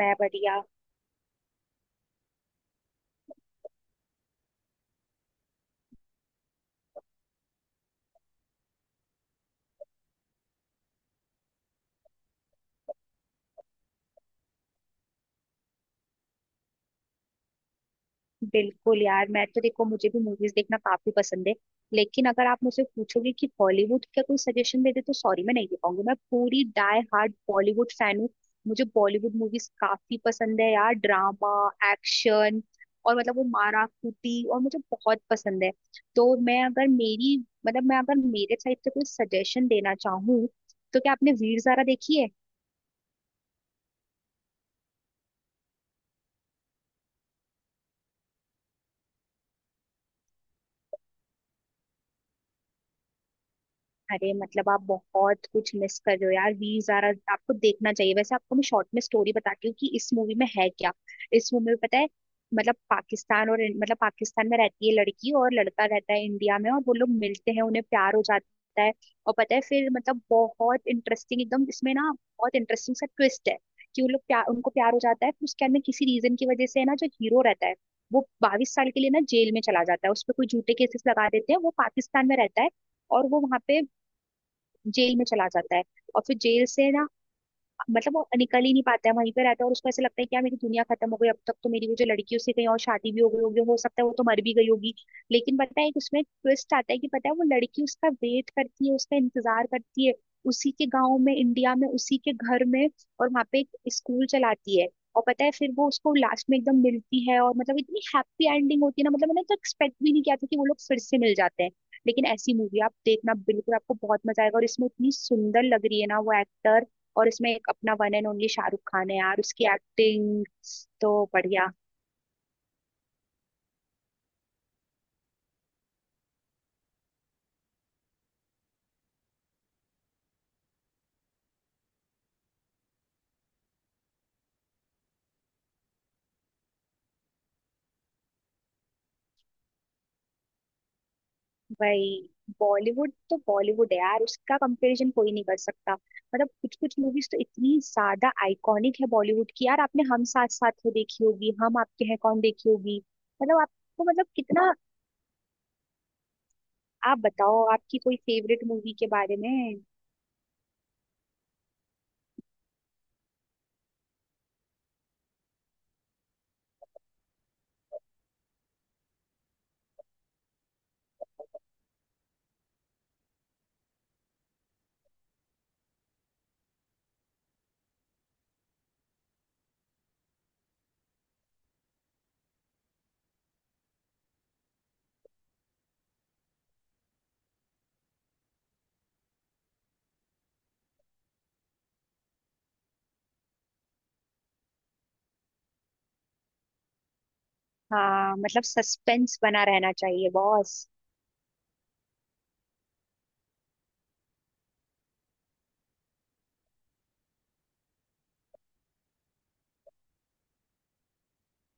मैं बढ़िया। बिल्कुल यार, मैं तो देखो मुझे भी मूवीज देखना काफी पसंद है। लेकिन अगर आप मुझसे पूछोगे कि बॉलीवुड का कोई सजेशन दे दे तो सॉरी, मैं नहीं दे पाऊंगी। मैं पूरी डाई हार्ड बॉलीवुड फैन हूँ। मुझे बॉलीवुड मूवीज काफी पसंद है यार। ड्रामा, एक्शन, और मतलब वो मारा कूटी और मुझे बहुत पसंद है। तो मैं अगर मेरी मैं अगर मेरे साइड से कोई सजेशन देना चाहूँ तो क्या आपने वीर ज़ारा देखी है? अरे मतलब आप बहुत कुछ मिस कर रहे हो यार, वी जारा आपको देखना चाहिए। वैसे आपको मैं शॉर्ट में स्टोरी बताती हूँ कि इस मूवी में है क्या। इस मूवी में पता है, मतलब पाकिस्तान और मतलब पाकिस्तान में रहती है लड़की और लड़का रहता है इंडिया में, और वो लोग मिलते हैं, उन्हें प्यार हो जाता है। और पता है फिर मतलब बहुत इंटरेस्टिंग एकदम इसमें ना, बहुत इंटरेस्टिंग सा ट्विस्ट है। कि वो लोग प्यार उनको प्यार हो जाता है, फिर उसके बाद में किसी रीजन की वजह से है ना, जो हीरो रहता है वो 22 साल के लिए ना जेल में चला जाता है। उस पर कोई झूठे केसेस लगा देते हैं। वो पाकिस्तान में रहता है और वो वहां पे जेल में चला जाता है। और फिर जेल से ना, मतलब वो निकल ही नहीं पाता है, वहीं पे रहता है। और उसको ऐसा लगता है कि यार मेरी दुनिया खत्म हो गई, अब तक तो मेरी वो जो लड़की है, उससे कहीं और शादी भी हो गई होगी, हो सकता है वो तो मर भी गई होगी। लेकिन पता है एक उसमें ट्विस्ट आता है कि पता है वो लड़की उसका वेट करती है, उसका इंतजार करती है, उसी के गाँव में, इंडिया में, उसी के घर में। और वहाँ पे एक स्कूल चलाती है। और पता है फिर वो उसको लास्ट में एकदम मिलती है, और मतलब इतनी हैप्पी एंडिंग होती है ना, मतलब मैंने तो एक्सपेक्ट भी नहीं किया था कि वो लोग फिर से मिल जाते हैं। लेकिन ऐसी मूवी आप देखना, बिल्कुल आपको बहुत मजा आएगा। और इसमें इतनी सुंदर लग रही है ना वो एक्टर। और इसमें एक अपना one and only Shahrukh Khan है यार, उसकी एक्टिंग तो बढ़िया। भाई, बॉलीवुड तो बॉलीवुड है यार, उसका कंपैरिजन कोई नहीं कर सकता। मतलब कुछ कुछ मूवीज तो इतनी ज्यादा आइकॉनिक है बॉलीवुड की यार। आपने हम साथ साथ है देखी होगी, हम आपके हैं कौन देखी होगी। मतलब आपको मतलब कितना, आप बताओ आपकी कोई फेवरेट मूवी के बारे में। हाँ, मतलब सस्पेंस बना रहना चाहिए बॉस।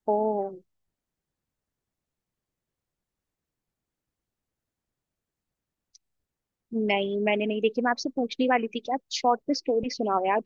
ओ, नहीं मैंने नहीं देखी। मैं आपसे पूछने वाली थी कि आप शॉर्ट में स्टोरी सुनाओ यार।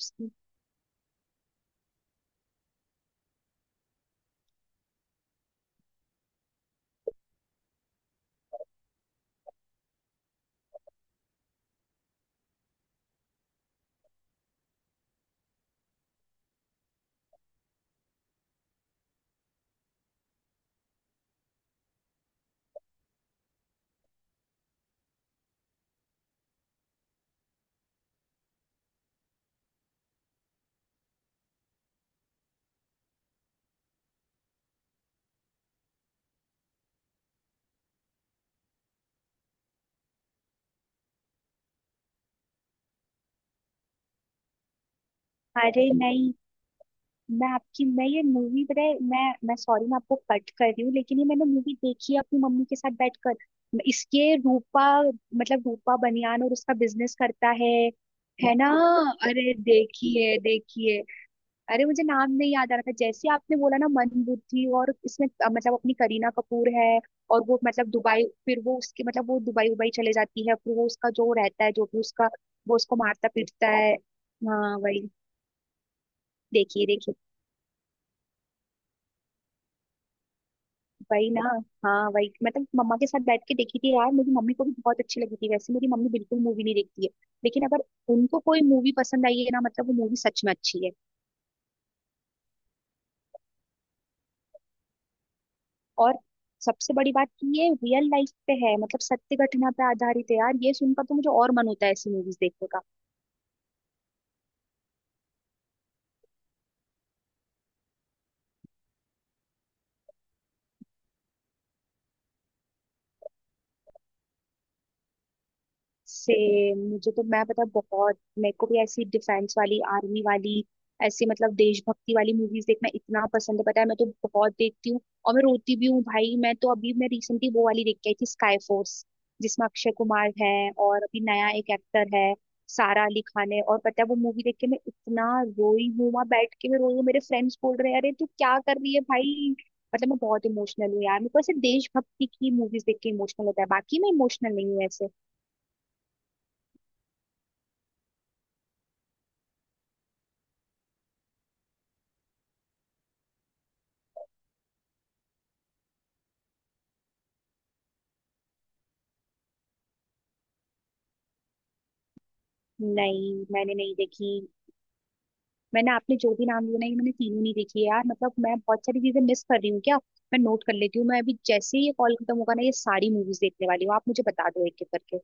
अरे नहीं, मैं आपकी मैं ये मूवी पता है मैं सॉरी मैं आपको कट कर रही हूँ, लेकिन ये मैंने मूवी देखी है अपनी मम्मी के साथ बैठकर। इसके रूपा मतलब रूपा बनियान और उसका बिजनेस करता है ना। अरे देखिए देखिए, अरे मुझे नाम नहीं याद आ रहा था, जैसे आपने बोला ना मन बुद्धि। और इसमें मतलब अपनी करीना कपूर है। और वो मतलब दुबई, फिर वो उसके मतलब वो दुबई उबई चले जाती है, फिर वो उसका जो रहता है जो भी उसका, वो उसको मारता पीटता है। हाँ वही, देखिए देखिए। वही ना, हाँ वही, मतलब मम्मा के साथ बैठ के देखी थी यार। मेरी मम्मी को भी बहुत अच्छी लगी थी। वैसे मेरी मम्मी बिल्कुल मूवी नहीं देखती है, लेकिन अगर उनको कोई मूवी पसंद आई है ना, मतलब वो मूवी सच में अच्छी है। और सबसे बड़ी बात कि ये रियल लाइफ पे है, मतलब सत्य घटना पे आधारित है यार। ये सुनकर तो मुझे और मन होता है ऐसी मूवीज देखने का। सेम, मुझे तो मैं पता है, बहुत मेरे को भी ऐसी डिफेंस वाली, आर्मी वाली, ऐसी मतलब देशभक्ति वाली मूवीज देखना इतना पसंद है, पता है। मैं तो बहुत देखती हूँ। और मैं रोती भी हूँ भाई। मैं तो अभी, मैं रिसेंटली वो वाली देख के आई थी, स्काई फोर्स, जिसमें अक्षय कुमार है। और अभी नया एक एक्टर है, सारा अली खान है। और पता है वो मूवी देख के मैं इतना रोई हूँ, वहां बैठ के मैं रोई हूँ, मेरे फ्रेंड्स बोल रहे हैं अरे तू क्या कर रही है भाई। मतलब मैं बहुत इमोशनल हूँ यार, मेरे को ऐसे देशभक्ति की मूवीज देख के इमोशनल होता है, बाकी मैं इमोशनल नहीं हूँ ऐसे। नहीं मैंने नहीं देखी। मैंने, आपने जो भी नाम लिया ना, ये मैंने तीनों नहीं देखी है यार। मतलब मैं बहुत सारी चीजें मिस कर रही हूँ क्या। मैं नोट कर लेती हूँ, मैं अभी जैसे ही ये कॉल खत्म होगा ना, ये सारी मूवीज देखने वाली हूँ। आप मुझे बता दो एक एक करके।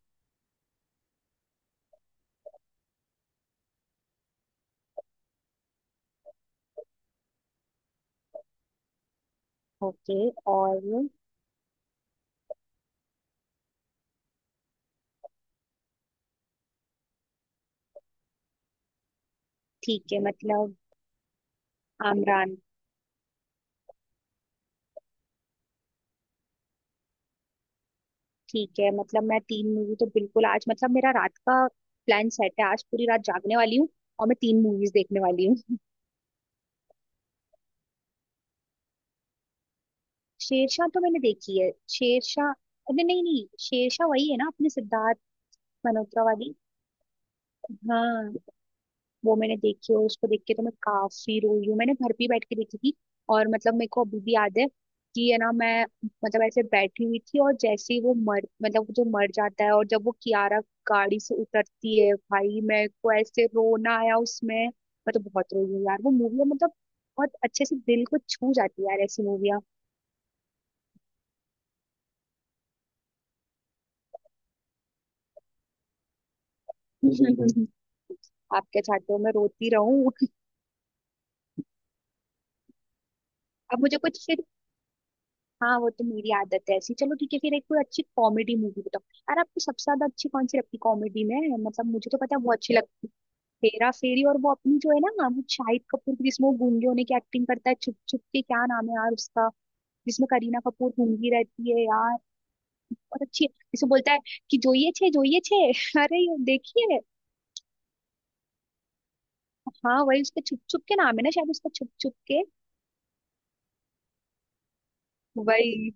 ओके, और? ठीक है, मतलब आमरान। ठीक है, मतलब मैं तीन मूवी तो बिल्कुल आज, मतलब मेरा रात का प्लान सेट है, आज पूरी रात जागने वाली हूँ और मैं तीन मूवीज देखने वाली हूँ। शेरशाह तो मैंने देखी है। शेरशाह, अरे नहीं नहीं, शेरशाह वही है ना अपने सिद्धार्थ मल्होत्रा वाली? हाँ, वो मैंने देखी, और उसको देख के तो मैं काफी रोई हूँ। मैंने घर पे ही बैठ के देखी थी। और मतलब मेरे को अभी भी याद है कि है ना, मैं मतलब ऐसे बैठी हुई थी, और जैसे ही वो मर, मतलब जो मर जाता है, और जब वो कियारा गाड़ी से उतरती है, भाई मेरे को ऐसे रोना आया उसमें, मैं तो बहुत रोई हूँ यार। वो मूवी मतलब बहुत अच्छे से दिल को छू जाती है यार, ऐसी मूवियाँ। आप क्या चाहते हो, मैं रोती रहूं? अब मुझे कुछ फिर, हाँ वो तो मेरी आदत है ऐसी। चलो ठीक है, फिर एक कोई अच्छी कॉमेडी मूवी बताओ यार। आपको सबसे ज्यादा अच्छी कौन सी लगती कॉमेडी में? मतलब मुझे तो पता है वो अच्छी लगती है, हेरा फेरी। और वो अपनी जो है ना, वो शाहिद कपूर की, जिसमें वो गूंगे होने की एक्टिंग करता है, छुप छुप के, क्या नाम है यार उसका, जिसमें करीना कपूर गूंगी रहती है यार, बहुत अच्छी है। जिसमें बोलता है कि जोइए छे, जोइए छे। अरे ये देखिए, हाँ वही, उसका छुप छुप के नाम है ना शायद, उसका छुप छुप के। वही,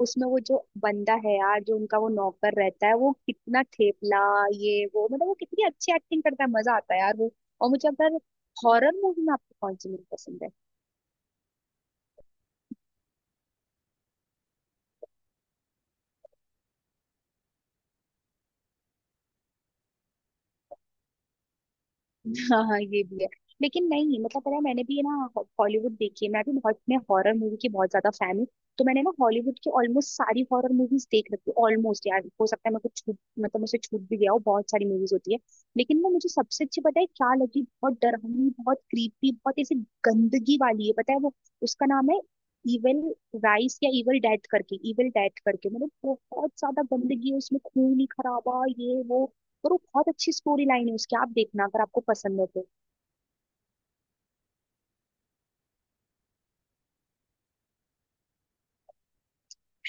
उसमें वो जो बंदा है यार, जो उनका वो नौकर रहता है, वो कितना ठेपला ये वो, मतलब वो कितनी अच्छी एक्टिंग करता है, मजा आता है यार वो। और मुझे अगर, हॉरर मूवी में आपको कौन सी मूवी पसंद है? हाँ हाँ, ये भी है। लेकिन नहीं, मतलब पता है मैंने भी ना हॉलीवुड देखी है, मैं भी बहुत, मैं हॉरर मूवी की बहुत ज्यादा फैन हूँ। तो मैंने ना हॉलीवुड की ऑलमोस्ट सारी हॉरर मूवीज देख रखी हूँ, ऑलमोस्ट। यार हो सकता है मैं कुछ छूट, मतलब मुझसे छूट भी गया हो, बहुत सारी मूवीज होती है। लेकिन ना मुझे सबसे अच्छी पता है क्या लगी, बहुत डरावनी, बहुत क्रीपी, बहुत ऐसी गंदगी वाली है, पता है। वो, उसका नाम है इविल राइस या इविल डेथ करके इविल डेथ करके। मतलब बहुत ज्यादा गंदगी है उसमें, खून ही खराबा ये वो। पर वो बहुत अच्छी स्टोरी लाइन है उसकी, आप देखना अगर आपको पसंद है तो।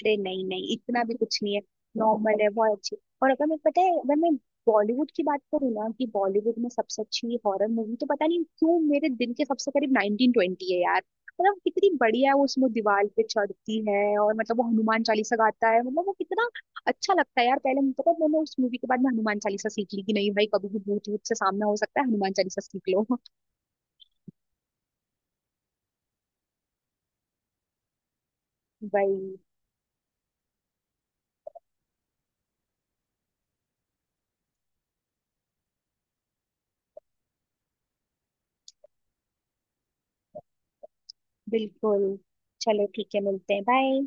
अरे नहीं नहीं, इतना भी कुछ नहीं है, नॉर्मल है, बहुत अच्छी। और अगर मैं पता है, अगर मैं बॉलीवुड की बात करूँ ना, कि बॉलीवुड में सबसे अच्छी हॉरर मूवी, तो पता नहीं क्यों मेरे दिल के सबसे करीब 1920 है यार। मतलब कितनी बढ़िया है वो, उसमें दीवार पे चढ़ती है और मतलब वो हनुमान चालीसा गाता है, मतलब वो कितना अच्छा लगता है यार। पहले मुझे पता है, मैंने उस मूवी के बाद में हनुमान चालीसा सीख ली, कि नहीं भाई कभी भी भूत भूत से सामना हो सकता है, हनुमान चालीसा सीख लो। भाई, बिल्कुल। चलो ठीक है, मिलते हैं, बाय।